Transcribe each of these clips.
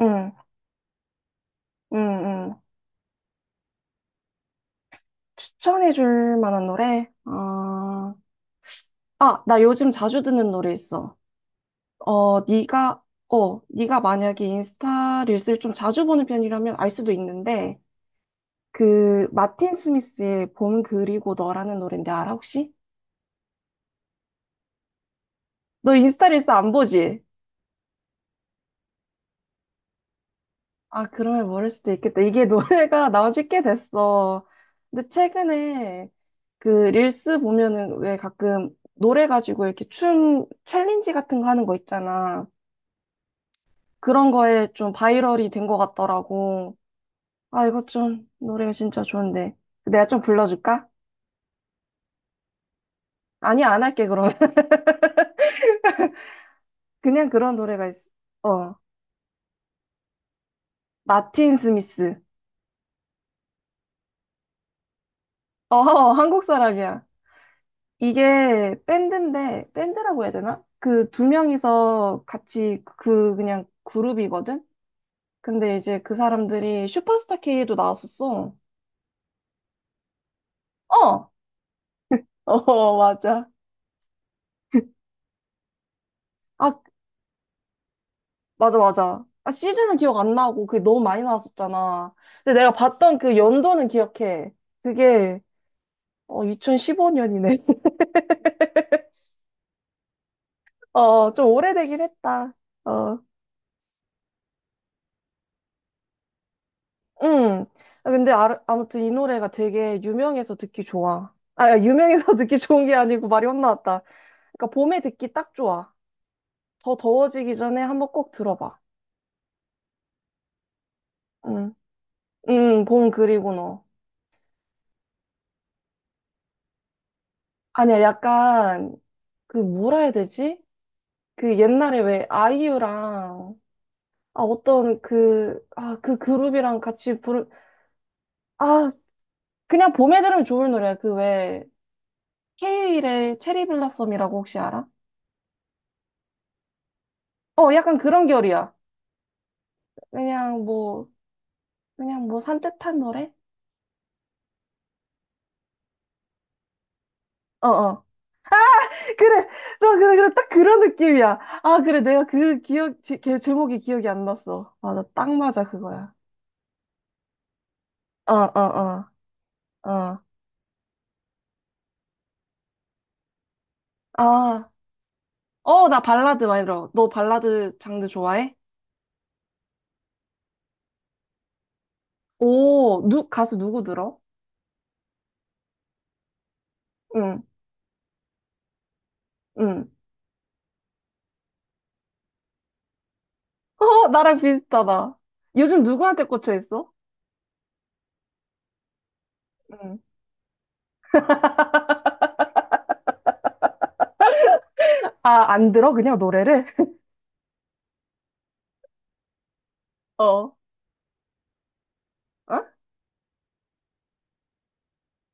응, 응, 응. 추천해 줄 만한 노래? 아, 아, 나 요즘 자주 듣는 노래 있어. 어, 네가, 네가 만약에 인스타 릴스를 좀 자주 보는 편이라면 알 수도 있는데, 그, 마틴 스미스의 봄 그리고 너라는 노래인데 알아, 혹시? 너 인스타 릴스 안 보지? 아, 그러면 모를 수도 있겠다. 이게 노래가 나온 지 꽤 됐어. 근데 최근에 그 릴스 보면은 왜 가끔 노래 가지고 이렇게 춤 챌린지 같은 거 하는 거 있잖아. 그런 거에 좀 바이럴이 된 것 같더라고. 아, 이거 좀 노래가 진짜 좋은데. 내가 좀 불러줄까? 아니, 안 할게, 그러면. 그냥 그런 노래가 있어. 어. 마틴 스미스. 어, 한국 사람이야. 이게 밴드인데, 밴드라고 해야 되나? 그 두 명이서 같이 그 그냥 그룹이거든? 근데 이제 그 사람들이 슈퍼스타 K도 나왔었어. 어! 어, 맞아. 아, 맞아, 맞아. 아, 시즌은 기억 안 나고 그게 너무 많이 나왔었잖아. 근데 내가 봤던 그 연도는 기억해. 그게, 어, 2015년이네. 어, 좀 오래되긴 했다. 어. 응. 아, 근데 아, 아무튼 이 노래가 되게 유명해서 듣기 좋아. 아, 야, 유명해서 듣기 좋은 게 아니고 말이 혼나왔다. 그러니까 봄에 듣기 딱 좋아. 더 더워지기 전에 한번 꼭 들어봐. 응. 응, 봄 그리고 너. 아니야, 약간 그 뭐라 해야 되지? 그 옛날에 왜 아이유랑 아 어떤 그 아 그 그룹이랑 같이 부르 아 그냥 봄에 들으면 좋을 노래야. 그 왜 케이윌의 체리 블라썸이라고 혹시 알아? 어, 약간 그런 결이야. 그냥 뭐 그냥 뭐 산뜻한 노래? 어, 어. 그래. 너, 그래, 그래. 딱 그런 느낌이야. 아, 그래. 내가 그 걔 제목이 기억이 안 났어. 맞아. 딱 맞아. 그거야. 어, 어, 어, 어. 아, 어, 나 발라드 많이 들어. 너 발라드 장르 좋아해? 오, 가수 누구 들어? 응, 응. 어, 나랑 비슷하다. 요즘 누구한테 꽂혀 있어? 응. 아, 안 들어? 그냥 노래를? 어. 어?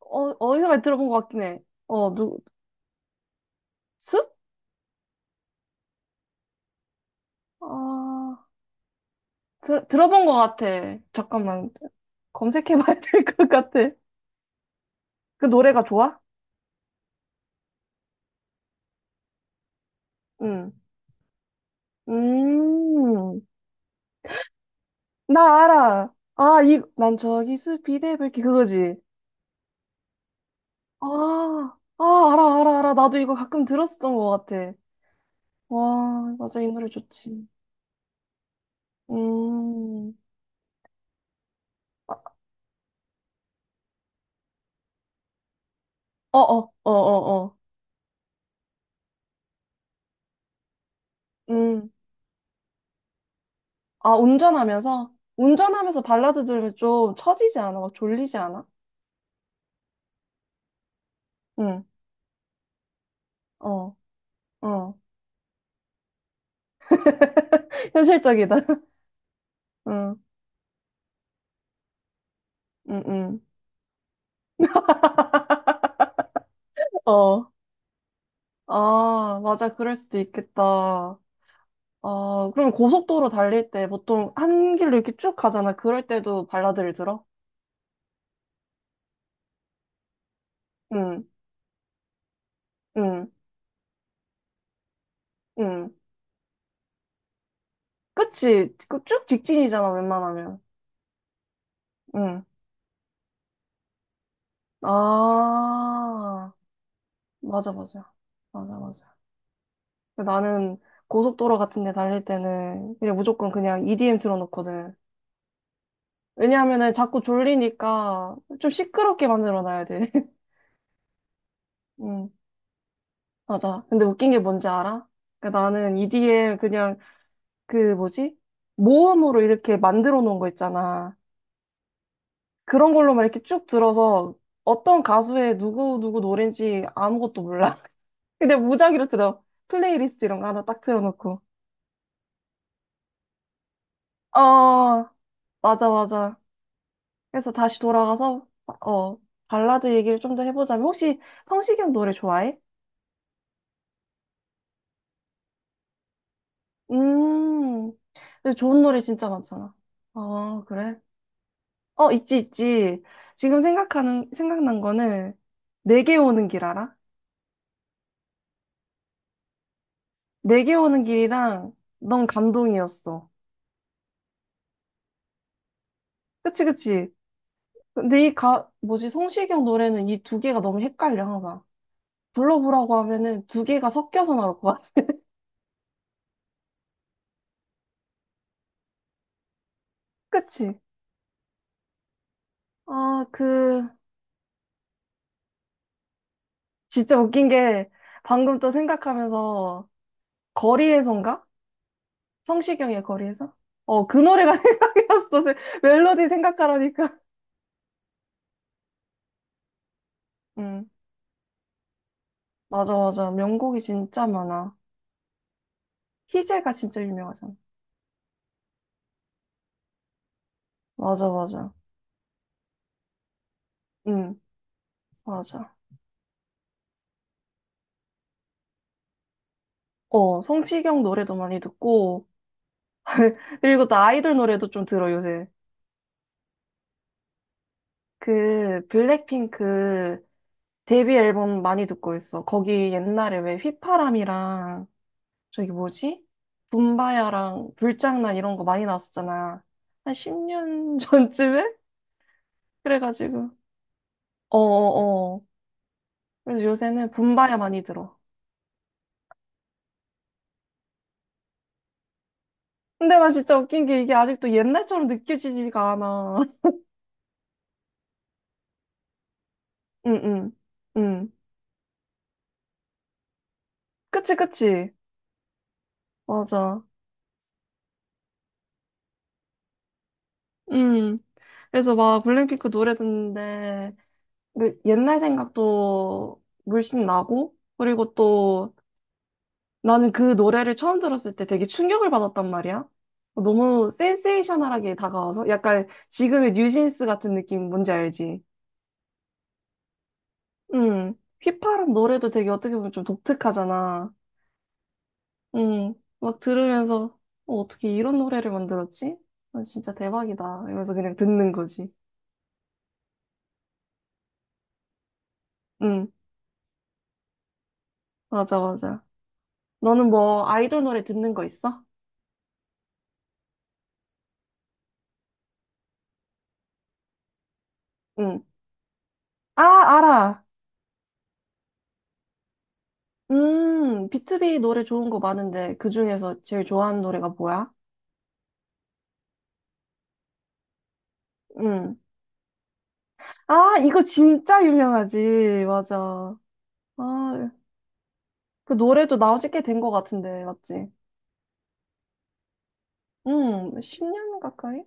어, 어디서 많이 들어본 것 같긴 해. 숲? 아, 들어본 것 같아. 잠깐만. 검색해봐야 될 것 같아. 그 노래가 좋아? 응. 음, 나 알아. 아, 난 저기 스피드의불길 그거지. 아, 아, 알아, 알아, 알아. 나도 이거 가끔 들었었던 것 같아. 와, 맞아. 이 노래 좋지. 음, 어, 어, 어, 어, 어. 음, 아, 운전하면서? 운전하면서 발라드 들으면 좀 처지지 않아? 막 졸리지 않아? 응, 어, 어. 현실적이다. 응. 응, 응. 어, 응. 아, 맞아. 그럴 수도 있겠다. 아, 그럼 고속도로 달릴 때 보통 한 길로 이렇게 쭉 가잖아. 그럴 때도 발라드를 들어? 응, 응, 응. 그치? 그 쭉 직진이잖아, 웬만하면. 응. 아, 맞아, 맞아. 맞아, 맞아. 나는 고속도로 같은 데 달릴 때는 그냥 무조건 그냥 EDM 틀어놓거든. 왜냐하면은 자꾸 졸리니까 좀 시끄럽게 만들어 놔야 돼. 맞아. 근데 웃긴 게 뭔지 알아? 그러니까 나는 EDM 그냥 그 뭐지? 모음으로 이렇게 만들어 놓은 거 있잖아. 그런 걸로만 이렇게 쭉 들어서 어떤 가수의 누구 누구 노래인지 아무것도 몰라. 근데 무작위로 들어. 플레이리스트 이런 거 하나 딱 틀어놓고. 어, 맞아, 맞아. 그래서 다시 돌아가서 어, 발라드 얘기를 좀 더 해보자면 혹시 성시경 노래 좋아해? 음, 근데 좋은 노래 진짜 많잖아. 어, 그래? 어, 있지, 있지. 지금 생각난 거는, 내게 오는 길 알아? 내게 오는 길이랑, 넌 감동이었어. 그치, 그치. 근데 이 뭐지, 성시경 노래는 이 두 개가 너무 헷갈려, 항상. 불러보라고 하면은 두 개가 섞여서 나올 것 같아. 그치? 아, 그, 진짜 웃긴 게, 방금 또 생각하면서, 거리에선가? 성시경의 거리에서? 어, 그 노래가 생각났어. 멜로디 생각하라니까. 응, 맞아, 맞아. 명곡이 진짜 많아. 희재가 진짜 유명하잖아. 맞아, 맞아. 응, 맞아. 어, 성시경 노래도 많이 듣고, 그리고 나 아이돌 노래도 좀 들어, 요새. 그, 블랙핑크 데뷔 앨범 많이 듣고 있어. 거기 옛날에 왜 휘파람이랑, 저기 뭐지? 붐바야랑 불장난 이런 거 많이 나왔었잖아. 한 10년 전쯤에? 그래가지고. 어어어. 그래서 요새는 붐바야 많이 들어. 근데 나 진짜 웃긴 게 이게 아직도 옛날처럼 느껴지지가 않아. 응, 응, 응. 그치, 그치. 맞아. 음 그래서 막 블랙핑크 노래 듣는데, 그 옛날 생각도 물씬 나고, 그리고 또 나는 그 노래를 처음 들었을 때 되게 충격을 받았단 말이야. 너무 센세이셔널하게 다가와서, 약간 지금의 뉴진스 같은 느낌 뭔지 알지? 음 휘파람 노래도 되게 어떻게 보면 좀 독특하잖아. 음 막 들으면서, 어, 어떻게 이런 노래를 만들었지? 아, 진짜 대박이다. 이러면서 그냥 듣는 거지. 응, 맞아, 맞아. 너는 뭐 아이돌 노래 듣는 거 있어? 응. 아, 알아. 비투비 노래 좋은 거 많은데 그 중에서 제일 좋아하는 노래가 뭐야? 응. 아, 이거 진짜 유명하지. 맞아. 아, 그 노래도 나온 지꽤 된 거 같은데, 맞지? 응, 10년 가까이?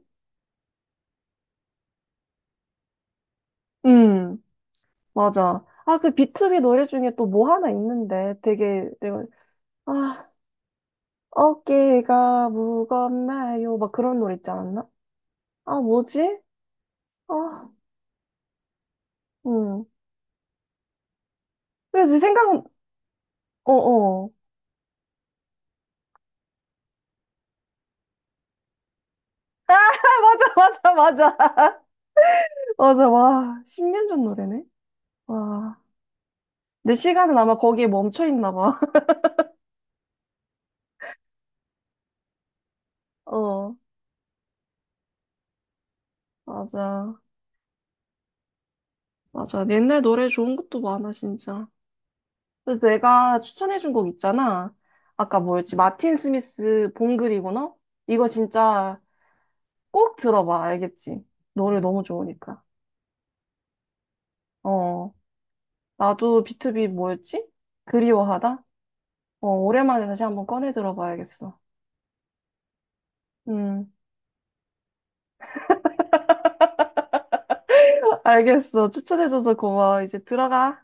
응, 맞아. 아, 그 비투비 노래 중에 또 뭐 하나 있는데 되게 내가 아, 어깨가 무겁나요? 막 그런 노래 있지 않았나? 아, 뭐지? 아, 응. 그래서 어, 어. 아, 맞아, 맞아, 맞아. 맞아, 와. 10년 전 노래네? 와. 내 시간은 아마 거기에 멈춰 있나 봐. 어, 맞아. 맞아. 옛날 노래 좋은 것도 많아, 진짜. 그래서 내가 추천해준 곡 있잖아. 아까 뭐였지? 마틴 스미스 봄 그리구나? 이거 진짜 꼭 들어봐, 알겠지? 노래 너무 좋으니까. 어. 나도 B2B 뭐였지? 그리워하다? 어, 오랜만에 다시 한번 꺼내 들어봐야겠어. 음. 알겠어. 추천해줘서 고마워. 이제 들어가.